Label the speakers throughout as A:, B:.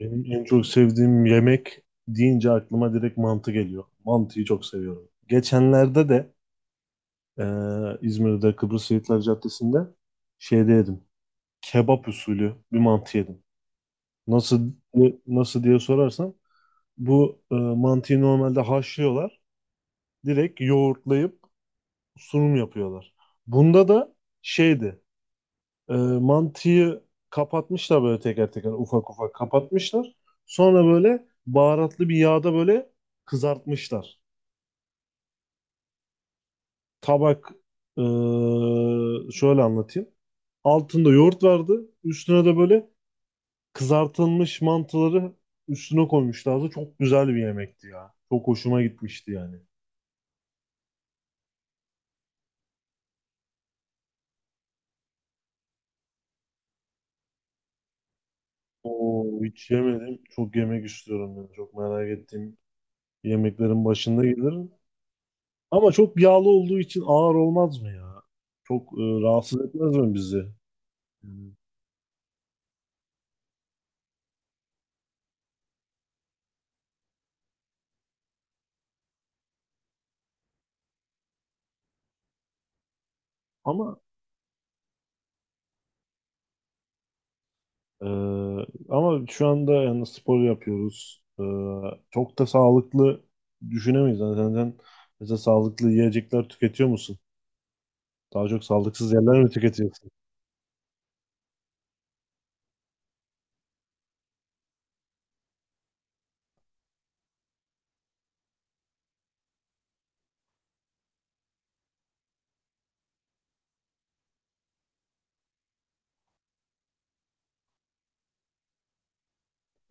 A: Benim en çok sevdiğim yemek deyince aklıma direkt mantı geliyor. Mantıyı çok seviyorum. Geçenlerde de e, İzmir'de Kıbrıs Şehitler Caddesi'nde şeyde yedim. Kebap usulü bir mantı yedim. Nasıl nasıl diye sorarsan bu mantıyı normalde haşlıyorlar. Direkt yoğurtlayıp sunum yapıyorlar. Bunda da şeydi. E, Mantıyı kapatmışlar, böyle teker teker ufak ufak kapatmışlar. Sonra böyle baharatlı bir yağda böyle kızartmışlar. Tabak e, şöyle anlatayım. Altında yoğurt vardı. Üstüne de böyle kızartılmış mantıları üstüne koymuşlardı. Çok güzel bir yemekti ya. Çok hoşuma gitmişti yani. Oo, hiç yemedim. Çok yemek istiyorum ben. Çok merak ettiğim yemeklerin başında gelirim. Ama çok yağlı olduğu için ağır olmaz mı ya? Çok rahatsız etmez mi bizi? Hmm. Ama e, ama şu anda yani spor yapıyoruz. Çok da sağlıklı düşünemeyiz. Yani sen mesela sağlıklı yiyecekler tüketiyor musun? Daha çok sağlıksız yerler mi tüketiyorsun?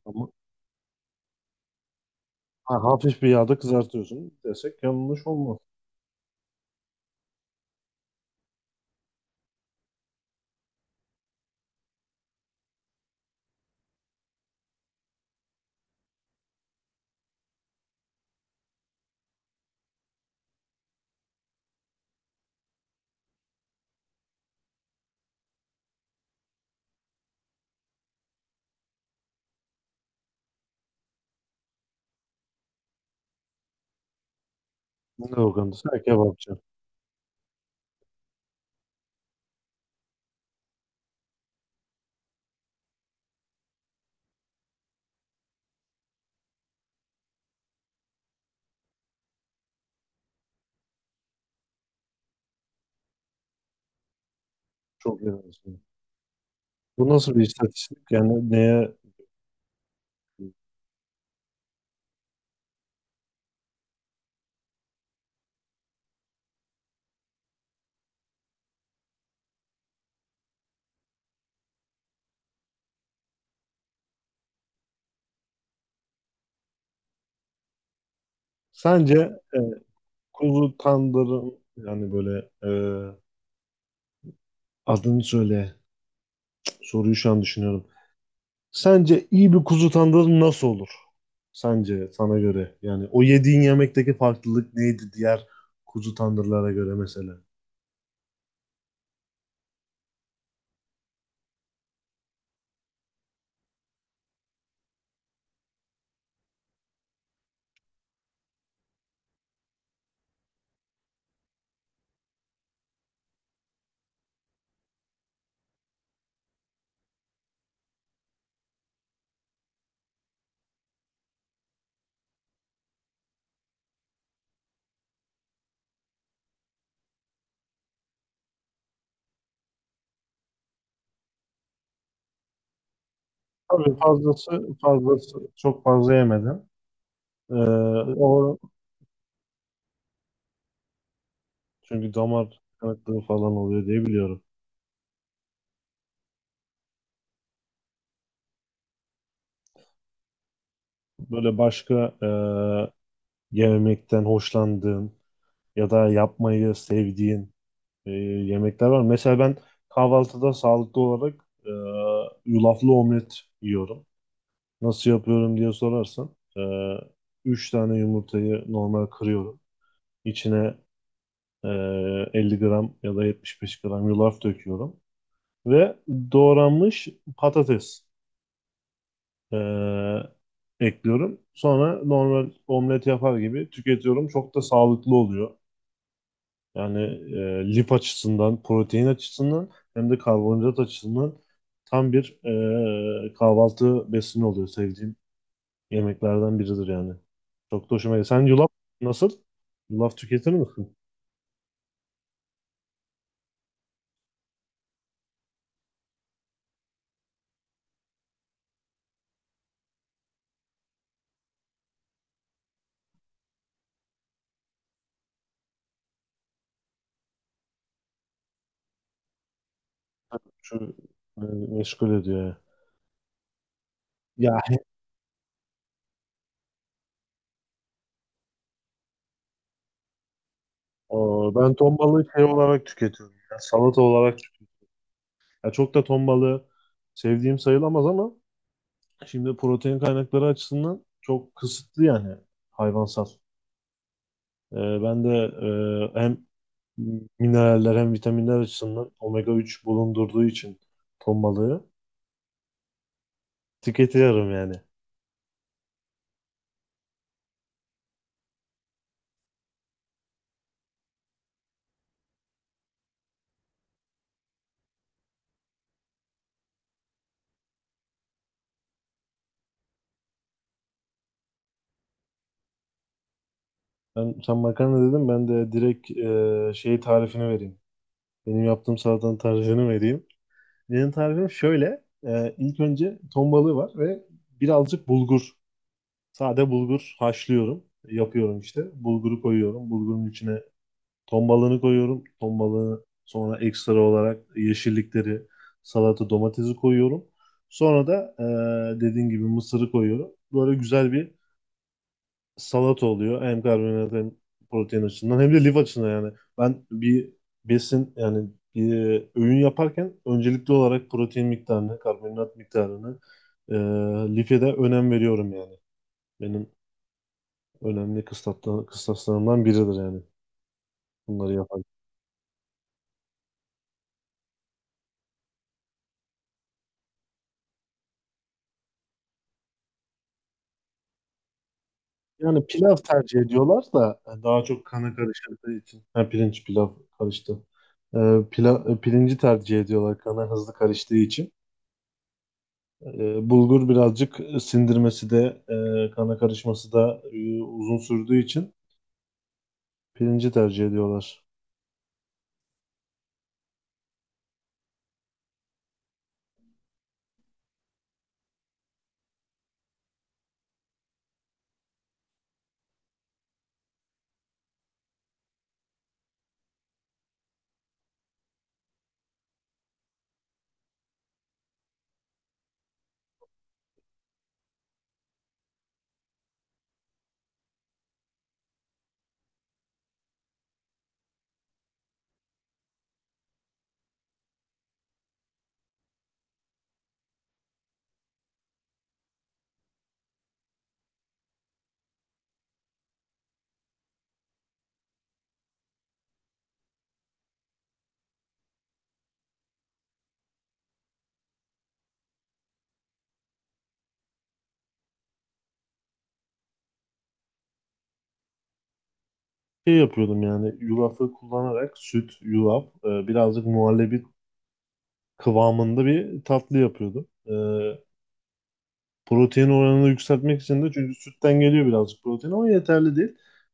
A: Ama ha, hafif bir yağda kızartıyorsun desek yanlış olmaz. Ne organdısı? Ha, kebapçı. Çok yanlış. Bu nasıl bir istatistik? Yani neye? Sence kuzu tandırın yani böyle adını söyle. Soruyu şu an düşünüyorum. Sence iyi bir kuzu tandırı nasıl olur? Sence sana göre yani o yediğin yemekteki farklılık neydi diğer kuzu tandırlara göre mesela? Tabii fazlası çok fazla yemedim. Ee, o çünkü damar tıkanıklığı falan oluyor diye biliyorum. Böyle başka yemekten hoşlandığın ya da yapmayı sevdiğin yemekler var. Mesela ben kahvaltıda sağlıklı olarak yulaflı omlet yiyorum. Nasıl yapıyorum diye sorarsan 3 tane yumurtayı normal kırıyorum. İçine e, 50 gram ya da 75 gram yulaf döküyorum. Ve doğranmış patates e, ekliyorum. Sonra normal omlet yapar gibi tüketiyorum. Çok da sağlıklı oluyor. Yani lif açısından, protein açısından hem de karbonhidrat açısından tam bir kahvaltı besini oluyor. Sevdiğim yemeklerden biridir yani. Çok da hoşuma gidiyor. Sen yulaf nasıl? Yulaf tüketir misin? Şu e, meşgul ediyor ya. Ya o, ben ton balığı şey olarak tüketiyorum, ya, salata olarak tüketiyorum. Ya çok da ton balığı sevdiğim sayılamaz ama şimdi protein kaynakları açısından çok kısıtlı yani hayvansal. Ee, ben de hem mineraller hem vitaminler açısından omega 3 bulundurduğu için ton balığı tüketiyorum yani. Ben, sen makarna dedim, ben de direkt şeyi tarifini vereyim. Benim yaptığım salatanın tarifini vereyim. Benim tarifim şöyle. E, ilk önce ton balığı var ve birazcık bulgur. Sade bulgur haşlıyorum. Yapıyorum işte. Bulguru koyuyorum. Bulgurun içine ton balığını koyuyorum. Ton balığını sonra ekstra olarak yeşillikleri, salata, domatesi koyuyorum. Sonra da dediğin gibi mısırı koyuyorum. Böyle güzel bir salata oluyor. Hem karbonhidrat hem protein açısından hem de lif açısından yani. Ben bir besin yani bir öğün yaparken öncelikli olarak protein miktarını, karbonhidrat miktarını, eee life de önem veriyorum yani. Benim önemli kıstaslarımdan biridir yani bunları yaparken. Yani pilav tercih ediyorlar da daha çok kana karıştığı için. Ha, pirinç pilav karıştı. E, pirinci tercih ediyorlar kana hızlı karıştığı için. E, bulgur birazcık sindirmesi de kana karışması da uzun sürdüğü için pirinci tercih ediyorlar. Şey yapıyordum yani yulafı kullanarak süt, yulaf, birazcık muhallebi kıvamında bir tatlı yapıyordum. Protein oranını yükseltmek için de çünkü sütten geliyor birazcık protein ama yeterli değil.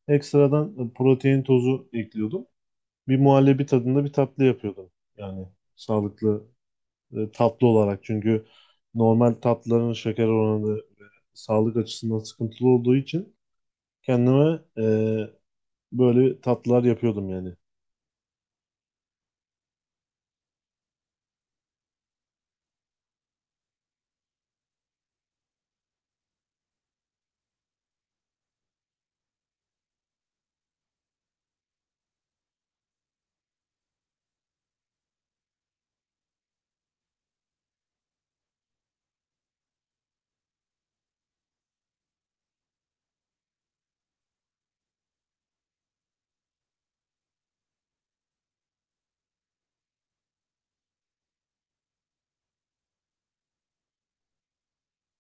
A: Ekstradan protein tozu ekliyordum. Bir muhallebi tadında bir tatlı yapıyordum. Yani sağlıklı tatlı olarak çünkü normal tatlıların şeker oranı ve sağlık açısından sıkıntılı olduğu için kendime böyle tatlılar yapıyordum yani.